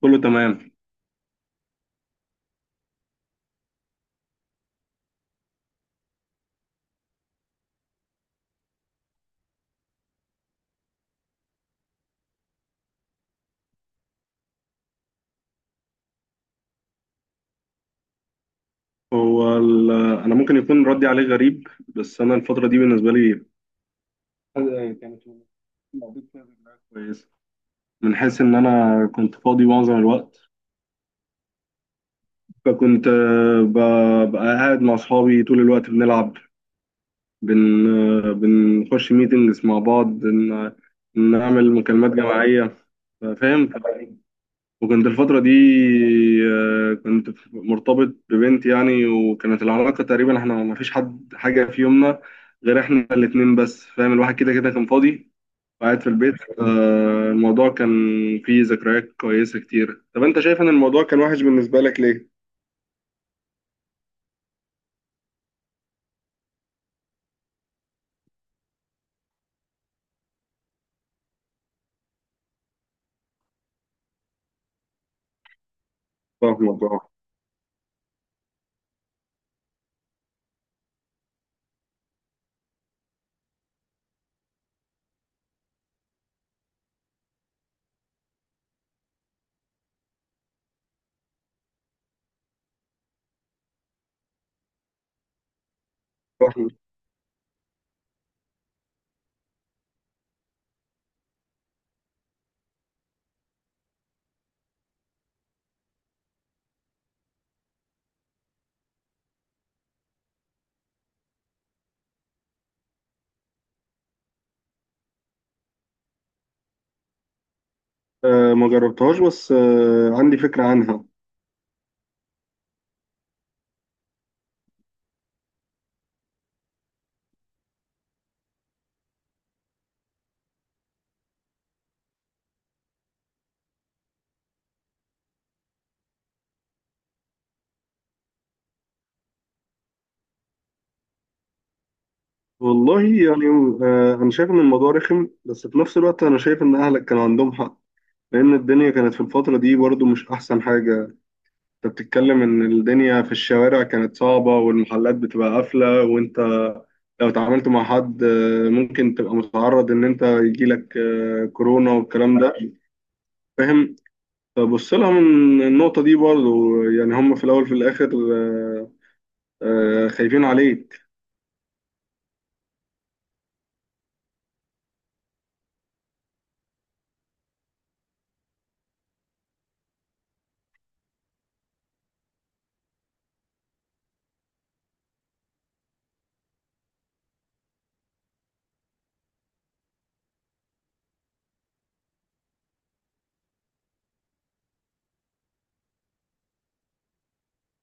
كله تمام. هو ال- انا ممكن يكون ردي عليه غريب، بس انا الفتره دي بالنسبه لي كانت مقضيت فيها ذكريات كويسه، من حيث ان انا كنت فاضي معظم الوقت. فكنت ببقى قاعد مع اصحابي طول الوقت بنلعب بن آه، بنخش ميتنجز مع بعض نعمل مكالمات جماعيه. فاهم. وكنت الفترة دي مرتبط ببنت يعني، وكانت العلاقة تقريبا احنا ما فيش حد حاجة في يومنا غير احنا الاتنين بس. فاهم، الواحد كده كده كان فاضي وقاعد في البيت. الموضوع كان فيه ذكريات كويسة كتير. طب انت شايف ان الموضوع كان وحش بالنسبة لك ليه؟ فاهمك. اه. فاهمك. ما جربتهاش، بس عندي فكرة عنها. والله يعني، انا شايف ان الموضوع رخم، بس في نفس الوقت انا شايف ان اهلك كان عندهم حق، لأن الدنيا كانت في الفترة دي برضو مش أحسن حاجة. أنت بتتكلم إن الدنيا في الشوارع كانت صعبة والمحلات بتبقى قافلة، وأنت لو اتعاملت مع حد ممكن تبقى متعرض إن أنت يجيلك كورونا والكلام ده. فاهم. فبص لها من النقطة دي برضو، يعني هم في الأول في الآخر آه، خايفين عليك.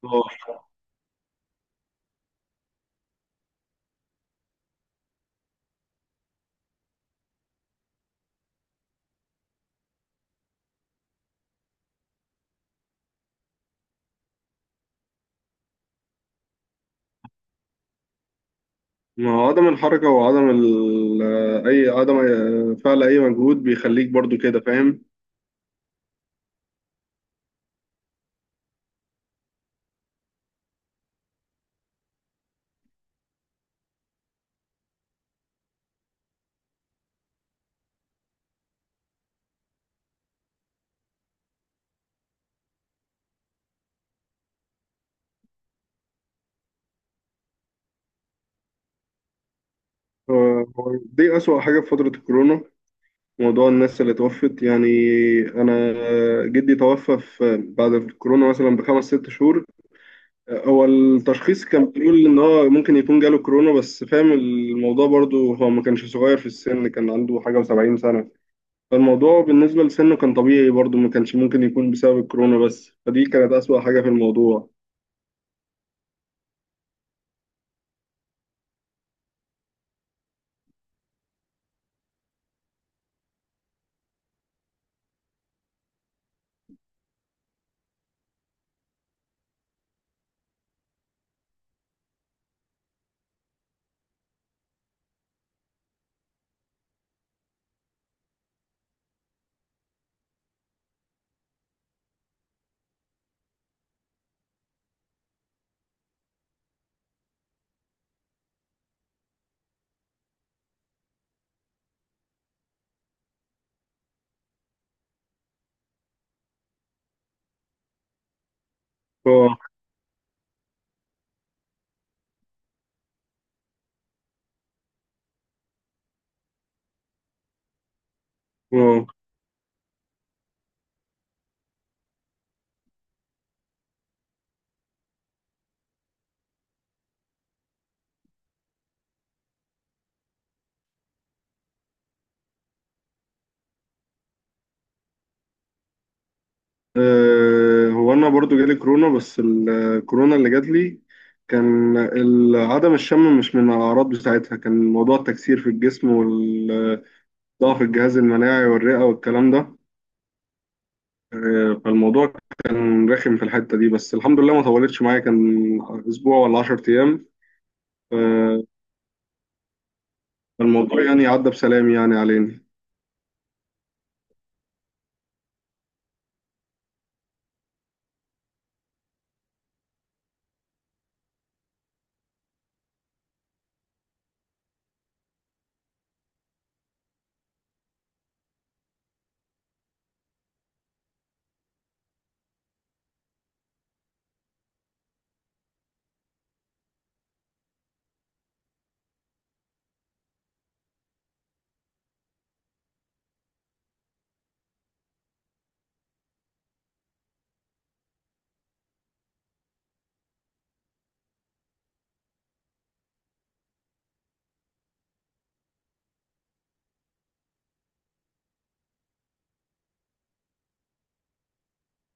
آه، ما هو عدم الحركة وعدم أي عدم فعل أي مجهود بيخليك برضو كده، فاهم. آه، دي أسوأ حاجة في فترة الكورونا، موضوع الناس اللي توفت يعني. انا جدي توفى في بعد الكورونا مثلا بخمس ست شهور. هو التشخيص كان بيقول ان هو ممكن يكون جاله كورونا، بس فاهم الموضوع برضو، هو ما كانش صغير في السن، كان عنده حاجة و70 سنة. فالموضوع بالنسبة لسنه كان طبيعي برضو، ما كانش ممكن يكون بسبب الكورونا بس. فدي كانت أسوأ حاجة في الموضوع. اه. آه. هو انا برضو جالي كورونا، بس الكورونا اللي جات لي كان عدم الشم مش من الاعراض بتاعتها، كان موضوع التكسير في الجسم والضعف، الجهاز المناعي والرئة والكلام ده. فالموضوع كان رخم في الحتة دي، بس الحمد لله ما طولتش معايا، كان اسبوع ولا 10 ايام. آه، فالموضوع يعني عدى بسلام يعني علينا.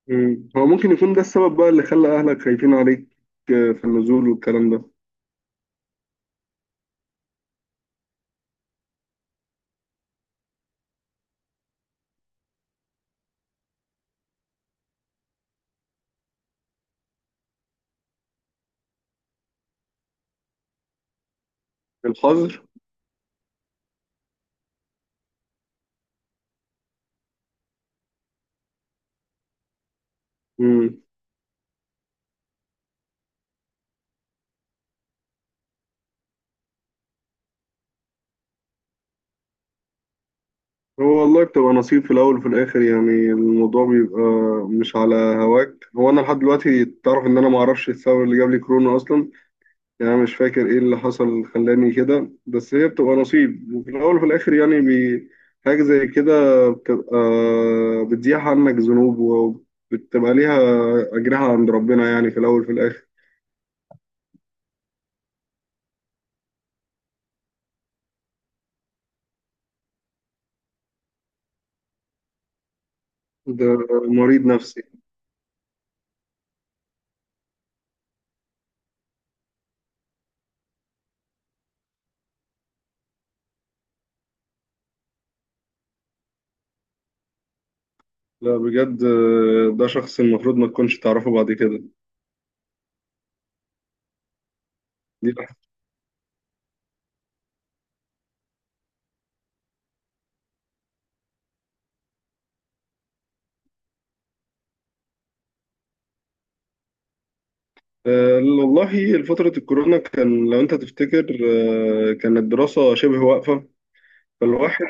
مم. هو ممكن يكون ده السبب بقى اللي خلى اهلك خايفين عليك في النزول والكلام ده. الحظر. هو والله بتبقى نصيب في الأول وفي الآخر، يعني الموضوع بيبقى مش على هواك. هو أنا لحد دلوقتي تعرف إن أنا معرفش السبب اللي جاب لي كورونا أصلا، يعني أنا مش فاكر إيه اللي حصل خلاني كده، بس هي بتبقى نصيب وفي الأول وفي الآخر يعني حاجة زي كده، بتبقى بتزيح عنك ذنوب وبتبقى ليها أجرها عند ربنا يعني في الأول وفي الآخر. ده مريض نفسي. لا بجد، ده شخص المفروض ما تكونش تعرفه بعد كده. دي أه والله فترة الكورونا، كان لو أنت تفتكر أه كانت الدراسة شبه واقفة. فالواحد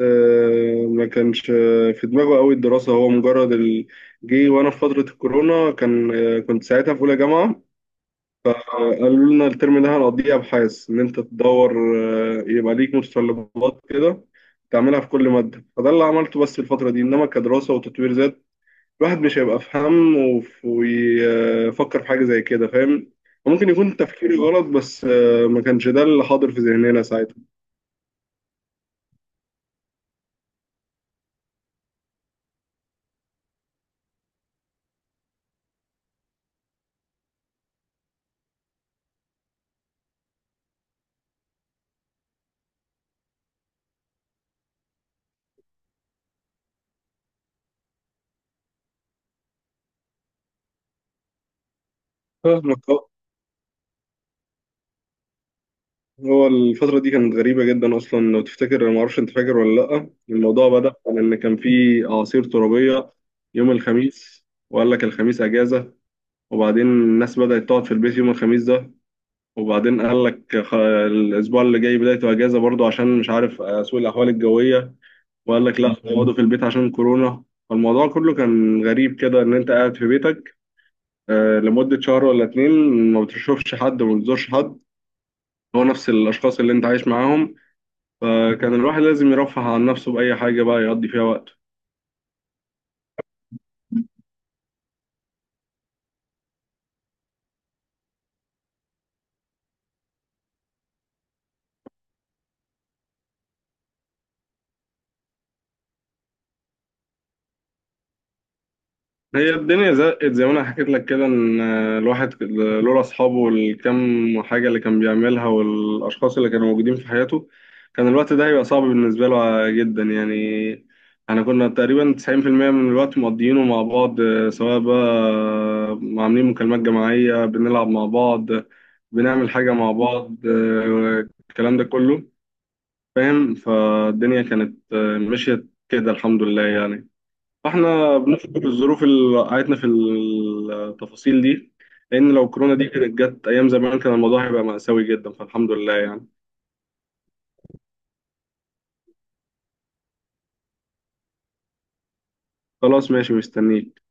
ما كانش في دماغه قوي الدراسة، هو مجرد جه وأنا في فترة الكورونا كان كنت ساعتها في أولى جامعة. قالوا لنا الترم ده هنقضيه أبحاث، إن أنت تدور يبقى ليك متطلبات كده تعملها في كل مادة. فده اللي عملته بس الفترة دي. إنما كدراسة وتطوير، الواحد مش هيبقى في هم ويفكر في حاجة زي كده، فاهم. ممكن يكون تفكيري غلط، بس ما كانش ده اللي حاضر في ذهننا ساعتها. فاهمك. آه. هو الفترة دي كانت غريبة جدا أصلا. لو تفتكر أنا معرفش أنت فاكر ولا لأ، الموضوع بدأ عن إن كان في أعاصير ترابية يوم الخميس، وقال لك الخميس أجازة، وبعدين الناس بدأت تقعد في البيت يوم الخميس ده، وبعدين قال لك الأسبوع اللي جاي بدايته أجازة برضه عشان مش عارف سوء الأحوال الجوية، وقال لك لا اقعدوا في البيت عشان كورونا. فالموضوع كله كان غريب كده، ان انت قاعد في بيتك لمدة شهر ولا اتنين ما بتشوفش حد وما بتزورش حد، هو نفس الاشخاص اللي انت عايش معاهم. فكان الواحد لازم يرفه عن نفسه بأي حاجة بقى يقضي فيها وقته. هي الدنيا زقت زي ما انا حكيت لك كده، ان الواحد لولا اصحابه والكم حاجه اللي كان بيعملها والاشخاص اللي كانوا موجودين في حياته كان الوقت ده هيبقى صعب بالنسبه له جدا يعني. احنا كنا تقريبا 90% من الوقت مقضيينه مع بعض، سواء بقى عاملين مكالمات جماعيه بنلعب مع بعض، بنعمل حاجه مع بعض الكلام ده كله فاهم. فالدنيا كانت مشيت كده، الحمد لله يعني. فاحنا بنفكر في الظروف اللي وقعتنا في التفاصيل دي، لان لو كورونا دي كانت جت ايام زمان كان الموضوع هيبقى مأساوي جدا، فالحمد لله يعني. خلاص ماشي، مستنيك.